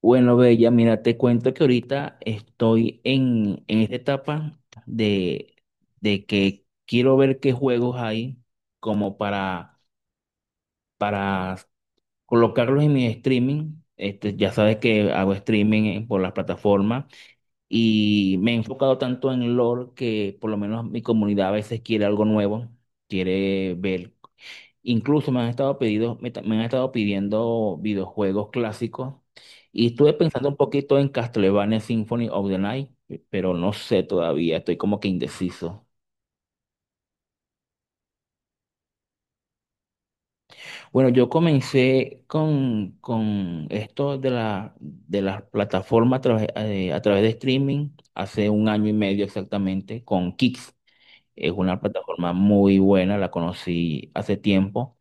Bueno, Bella, mira, te cuento que ahorita estoy en esta etapa de, de que quiero ver qué juegos hay como para colocarlos en mi streaming. Este, ya sabes que hago streaming en- por las plataformas y me he enfocado tanto en lore que por lo menos mi comunidad a veces quiere algo nuevo, quiere ver. Incluso me han estado pedido, me han estado pidiendo videojuegos clásicos y estuve pensando un poquito en Castlevania Symphony of the Night, pero no sé todavía, estoy como que indeciso. Bueno, yo comencé con esto de de las plataformas a través de streaming hace un año y medio exactamente con Kix. Es una plataforma muy buena, la conocí hace tiempo.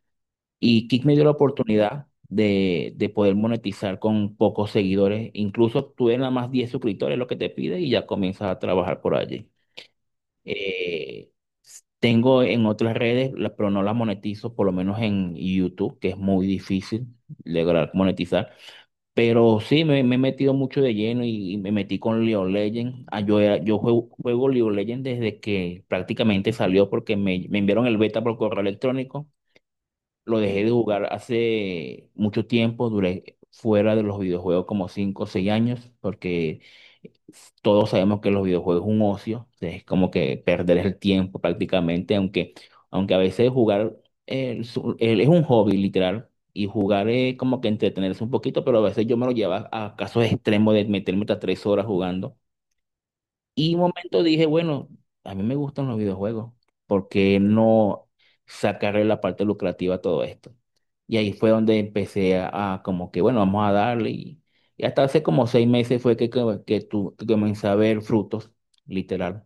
Y Kick me dio la oportunidad de poder monetizar con pocos seguidores. Incluso tuve nada más 10 suscriptores, lo que te pide, y ya comienzas a trabajar por allí. Eh, Tengo en otras redes, la- pero no las monetizo, por lo menos en YouTube, que es muy difícil lograr monetizar. Pero sí, me he metido mucho de lleno y me metí con League of Legends. Ah, yo era- yo juego, juego League of Legends desde que prácticamente salió porque me enviaron el beta por correo electrónico. Lo dejé de jugar hace mucho tiempo, duré fuera de los videojuegos como 5 o 6 años, porque todos sabemos que los videojuegos es un ocio, es como que perder el tiempo prácticamente, aunque a veces jugar es un hobby literal, y jugar es como que entretenerse un poquito, pero a veces yo me lo llevo a casos extremos de meterme hasta 3 horas jugando. Y un momento dije, bueno, a mí me gustan los videojuegos, ¿por qué no sacarle la parte lucrativa a todo esto? Y ahí fue donde empecé a como que, bueno, vamos a darle. Y hasta hace como seis meses fue que comencé a ver frutos, literal.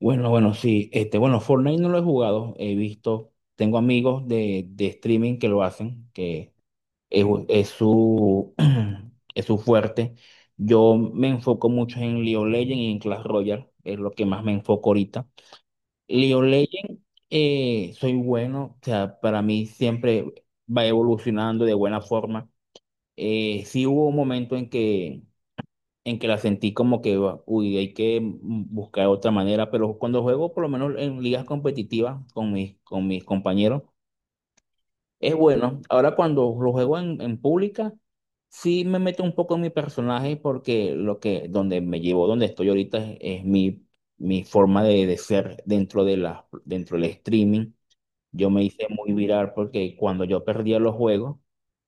Bueno, bueno, sí, este, bueno, Fortnite no lo he jugado, he visto, tengo amigos de streaming que lo hacen, que es, es su, es su fuerte. Yo me enfoco mucho en League of Legends y en Clash Royale, es lo que más me enfoco ahorita. League of Legends, soy bueno, o sea, para mí siempre va evolucionando de buena forma. Sí hubo un momento en que la sentí como que, uy, hay que buscar otra manera, pero cuando juego, por lo menos en ligas competitivas con con mis compañeros, es bueno. Ahora cuando lo juego en pública, sí me meto un poco en mi personaje porque lo que, donde me llevo, donde estoy ahorita es mi forma de ser dentro de dentro del streaming. Yo me hice muy viral porque cuando yo perdía los juegos,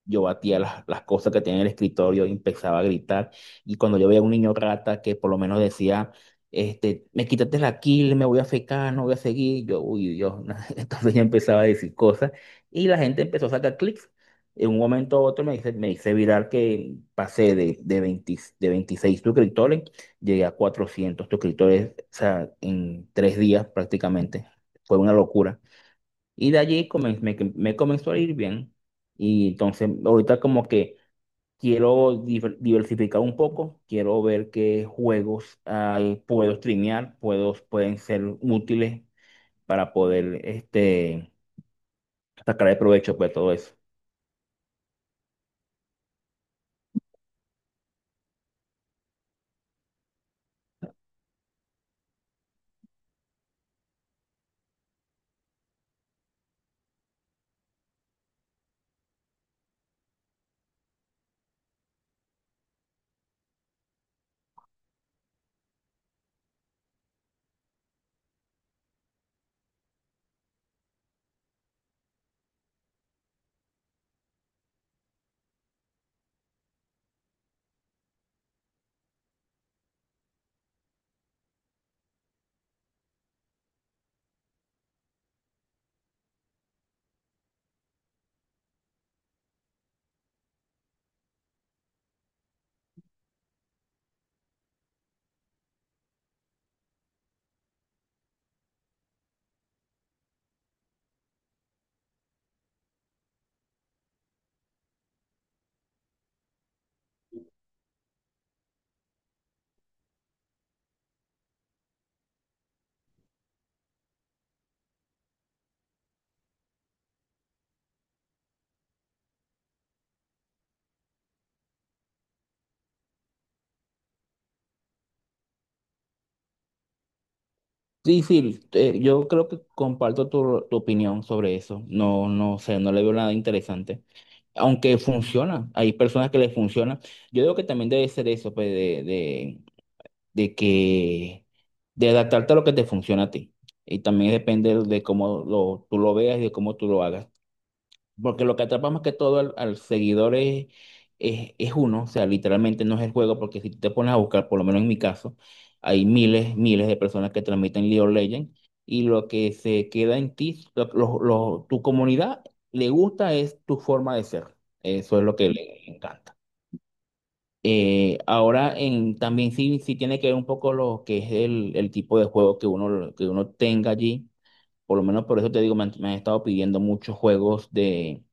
yo batía las cosas que tenía en el escritorio y empezaba a gritar. Y cuando yo veía a un niño rata que por lo menos decía, este, me quítate la kill, me voy a fecar, no voy a seguir, yo, uy, Dios. Entonces yo empezaba a decir cosas y la gente empezó a sacar clics. En un momento u otro me hice viral que pasé de 20 de 26 suscriptores, llegué a 400 suscriptores, o sea, en tres días prácticamente. Fue una locura. Y de allí comen- me comenzó a ir bien. Y entonces ahorita como que quiero diver- diversificar un poco, quiero ver qué juegos hay, puedo streamear, puedo, pueden ser útiles para poder este, sacar el provecho de todo eso. Sí, sí, yo creo que comparto tu opinión sobre eso. No, no sé, no le veo nada interesante. Aunque funciona, hay personas que les funciona. Yo digo que también debe ser eso, pues, de que, de adaptarte a lo que te funciona a ti. Y también depende de cómo lo, tú lo veas y de cómo tú lo hagas. Porque lo que atrapa más que todo al, al seguidor es uno, o sea, literalmente no es el juego, porque si tú te pones a buscar, por lo menos en mi caso, hay miles de personas que transmiten League of Legends y lo que se queda en ti, tu comunidad le gusta es tu forma de ser. Eso es lo que le encanta. Ahora en, también sí, sí tiene que ver un poco lo que es el tipo de juego que uno tenga allí. Por lo menos por eso te digo, me han estado pidiendo muchos juegos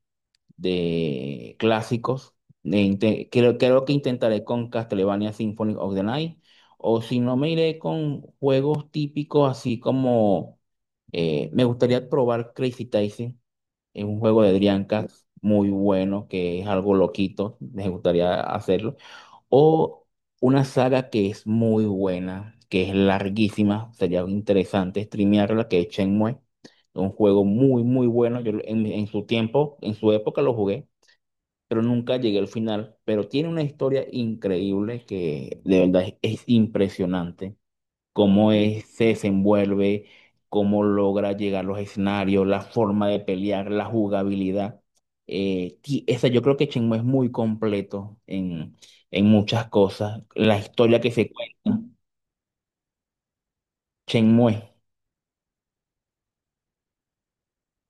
de clásicos. De inte- creo que intentaré con Castlevania Symphony of the Night. O si no, me iré con juegos típicos así como... me gustaría probar Crazy Taxi. Es un juego de Dreamcast muy bueno, que es algo loquito. Me gustaría hacerlo. O una saga que es muy buena, que es larguísima, sería interesante streamearla, que es Shenmue. Un juego muy, muy bueno. Yo lo- en su tiempo, en su época lo jugué, pero nunca llegué al final. Pero tiene una historia increíble que de verdad es impresionante cómo es- se desenvuelve, cómo logra llegar a los escenarios, la forma de pelear, la jugabilidad. Ti- esa, yo creo que Shenmue es muy completo en muchas cosas. La historia que se cuenta, Shenmue,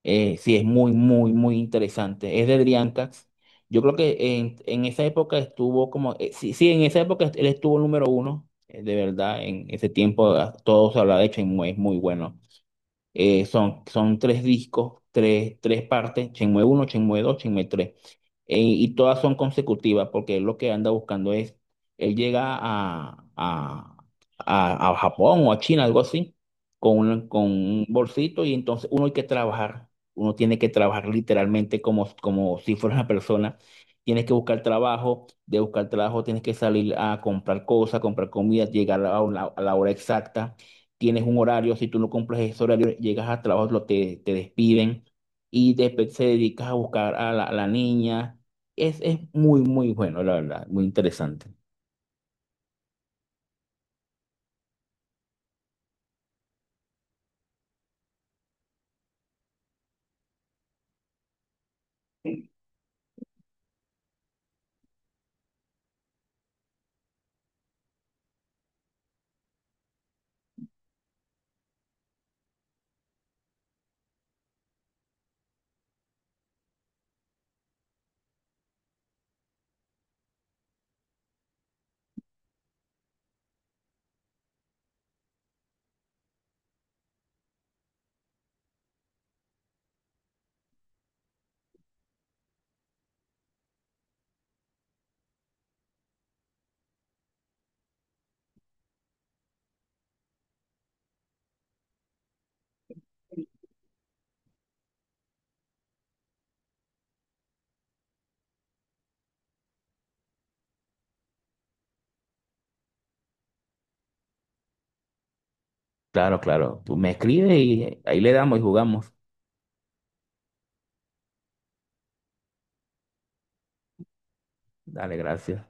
sí, es muy, muy, muy interesante. Es de Driancax. Yo creo que en esa época estuvo como, sí, sí, en esa época él estuvo número uno, de verdad, en ese tiempo ah, todo se hablaba de Shenmue, es muy bueno. Son tres discos, tres partes, Shenmue uno, Shenmue dos, Shenmue tres. Y todas son consecutivas porque él lo que anda buscando es, él llega a Japón o a China, algo así, con con un bolsito y entonces uno hay que trabajar, uno tiene que trabajar literalmente como, como si fuera una persona. Tienes que buscar trabajo, de buscar trabajo tienes que salir a comprar cosas, comprar comida, llegar a la hora exacta, tienes un horario, si tú no cumples ese horario, llegas al trabajo, te despiden y después se dedicas a buscar a a la niña. Es muy, muy bueno, la verdad, muy interesante. Claro, claro, tú me escribes y ahí le damos y jugamos. Dale, gracias.